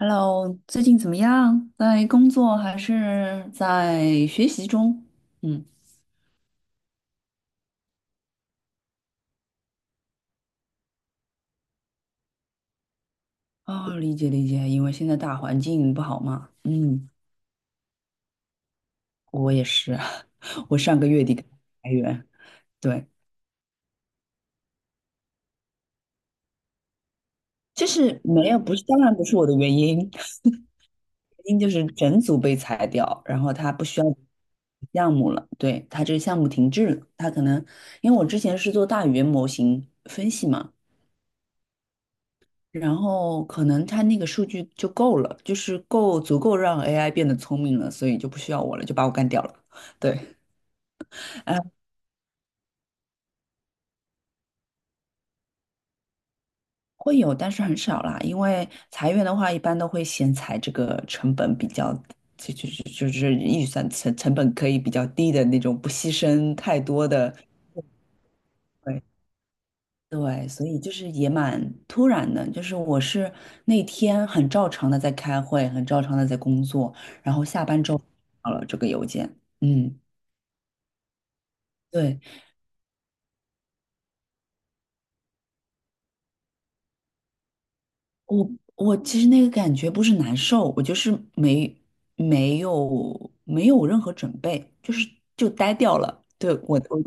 Hello，最近怎么样？在工作还是在学习中？嗯，哦，理解理解，因为现在大环境不好嘛。嗯，我也是，我上个月底刚裁员，对，就是没有，不是，当然不是我的原因，原因就是整组被裁掉，然后他不需要项目了，对，他这个项目停滞了，他可能因为我之前是做大语言模型分析嘛。然后可能它那个数据就够了，就是够足够让 AI 变得聪明了，所以就不需要我了，就把我干掉了。对，呃，会有，但是很少啦，因为裁员的话，一般都会先裁这个成本比较，就是预算成本可以比较低的那种，不牺牲太多的。对对，所以就是也蛮突然的，就是我是那天很照常的在开会，很照常的在工作，然后下班之后收到了这个邮件，嗯。对，我我其实那个感觉不是难受，我就是没没有任何准备，就是就呆掉了。对我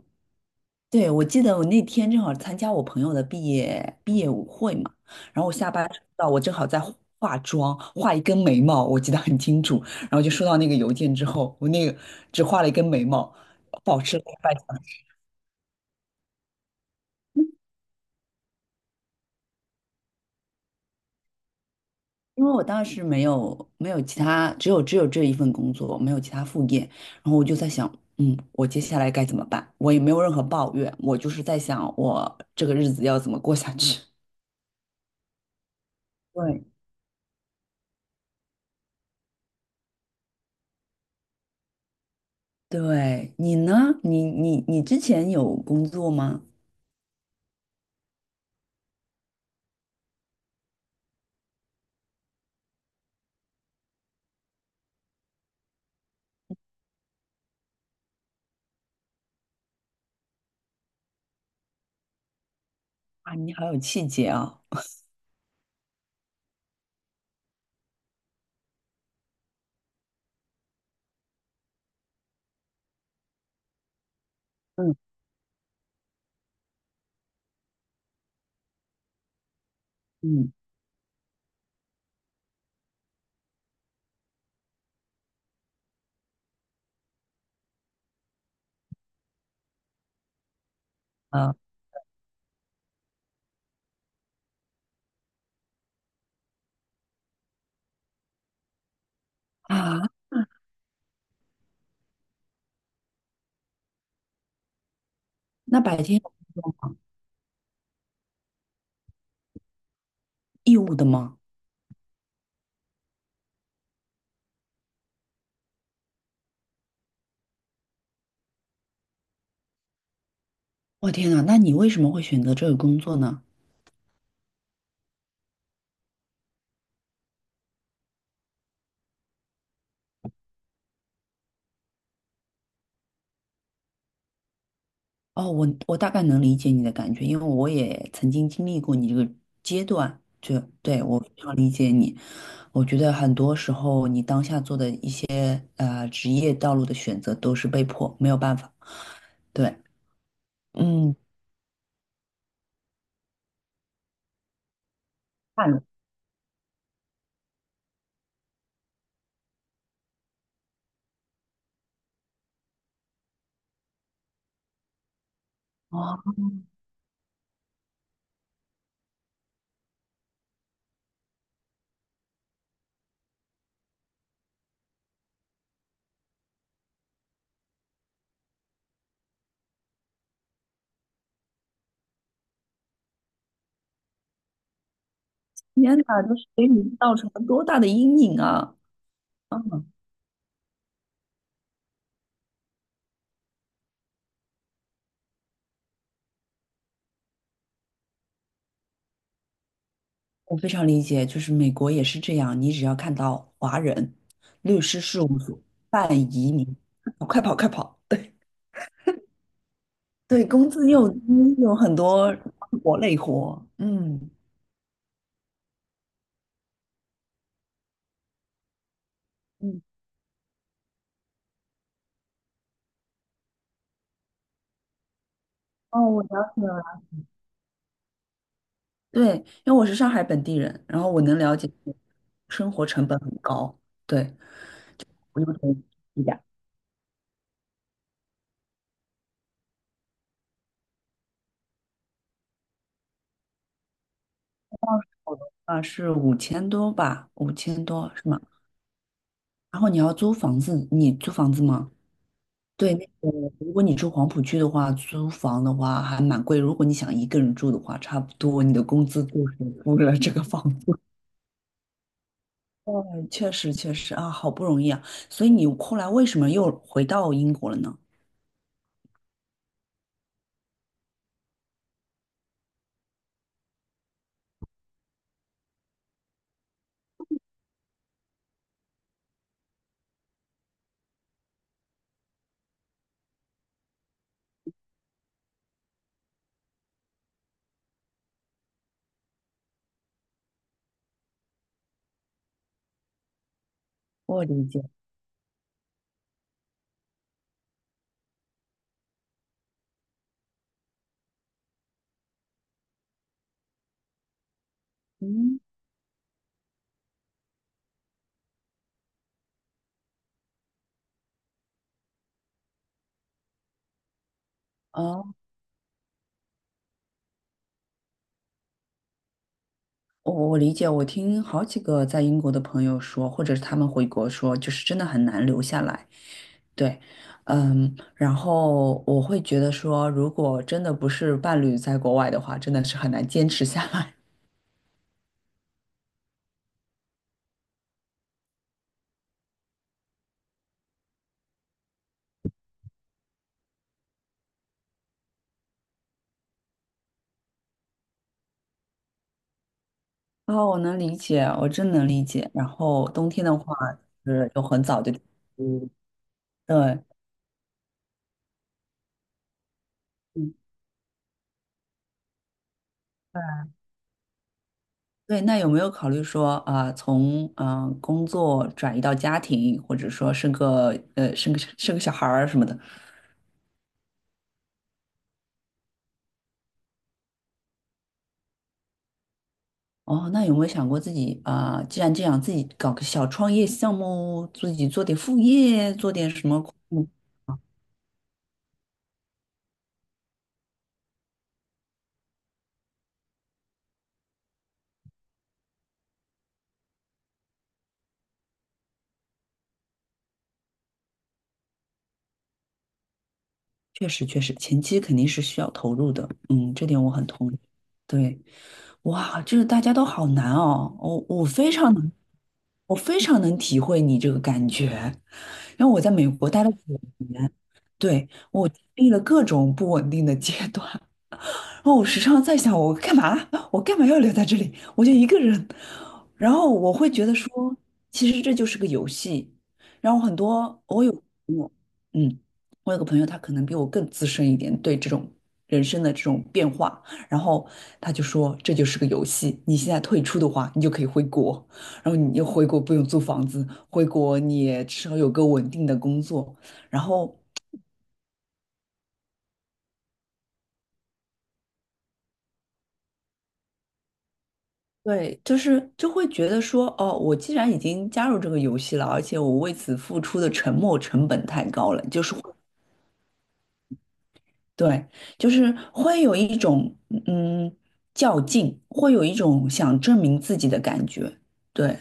对我记得我那天正好参加我朋友的毕业舞会嘛，然后我下班收到我正好在化妆，画一根眉毛，我记得很清楚。然后就收到那个邮件之后，我那个只画了一根眉毛，保持了一个半小时。因为我当时没有其他，只有这一份工作，没有其他副业，然后我就在想，嗯，我接下来该怎么办？我也没有任何抱怨，我就是在想我这个日子要怎么过下去。对对，你呢？你之前有工作吗？啊，你好有气节啊！嗯嗯啊啊，那白天有工作吗？义务的吗？我天呐，那你为什么会选择这个工作呢？哦，我大概能理解你的感觉，因为我也曾经经历过你这个阶段，就对，我非常理解你。我觉得很多时候你当下做的一些职业道路的选择都是被迫，没有办法。对，嗯，看了哦，天哪，这是给你造成了多大的阴影啊！嗯，我非常理解，就是美国也是这样，你只要看到华人律师事务所办移民，快跑快跑！对。对，工资又低，有很多苦活累活。嗯嗯，哦，我了解了。对，因为我是上海本地人，然后我能了解生活成本很高。对，我有点低的，我的话是五千多吧，五千多是吗？然后你要租房子，你租房子吗？对，那个如果你住黄浦区的话，租房的话还蛮贵。如果你想一个人住的话，差不多你的工资就是付了这个房哦，确实确实啊，好不容易啊，所以你后来为什么又回到英国了呢？我理解，嗯，啊，我理解，我听好几个在英国的朋友说，或者是他们回国说，就是真的很难留下来。对，嗯，然后我会觉得说，如果真的不是伴侣在国外的话，真的是很难坚持下来。哦，我能理解，我真能理解。然后冬天的话，是又很早就，嗯，对。嗯对对，那有没有考虑说啊、从嗯、工作转移到家庭，或者说生个生个小孩儿什么的？哦，那有没有想过自己啊、既然这样，自己搞个小创业项目，自己做点副业，做点什么？确实，确实，前期肯定是需要投入的，嗯，这点我很同意。对，哇，就是大家都好难哦，我非常能，我非常能体会你这个感觉。然后我在美国待了九年，对，我经历了各种不稳定的阶段，然后我时常在想，我干嘛？我干嘛要留在这里？我就一个人。然后我会觉得说，其实这就是个游戏。然后很多我有朋友，嗯，我有个朋友，他可能比我更资深一点，对这种人生的这种变化，然后他就说这就是个游戏。你现在退出的话，你就可以回国，然后你又回国不用租房子，回国你也至少有个稳定的工作，然后。对，就是就会觉得说，哦，我既然已经加入这个游戏了，而且我为此付出的沉没成本太高了，就是会，对，就是会有一种嗯较劲，会有一种想证明自己的感觉。对，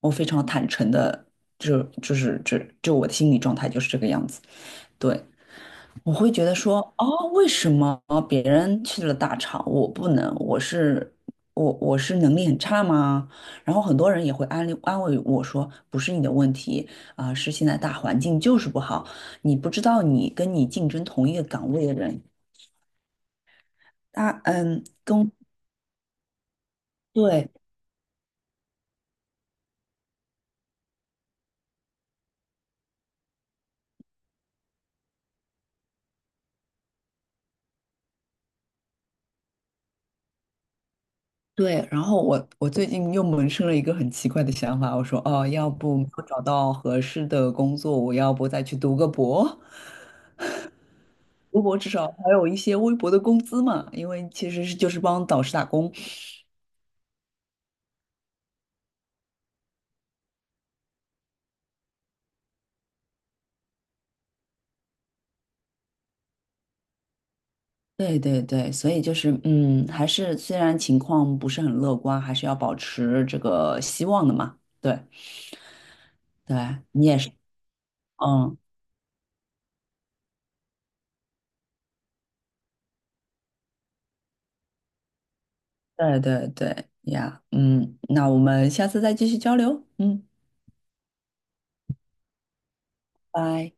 我非常坦诚的，就是这就我的心理状态就是这个样子。对。我会觉得说，哦，为什么别人去了大厂，我不能？我是我是能力很差吗？然后很多人也会安利安慰我说，不是你的问题啊，是现在大环境就是不好，你不知道你跟你竞争同一个岗位的人，他嗯，对对。然后我最近又萌生了一个很奇怪的想法，我说，哦，要不我找到合适的工作，我要不再去读个博？微博至少还有一些微薄的工资嘛，因为其实是就是帮导师打工。对对对，所以就是嗯，还是虽然情况不是很乐观，还是要保持这个希望的嘛。对对，你也是，嗯，对对对呀，嗯，那我们下次再继续交流，嗯，拜。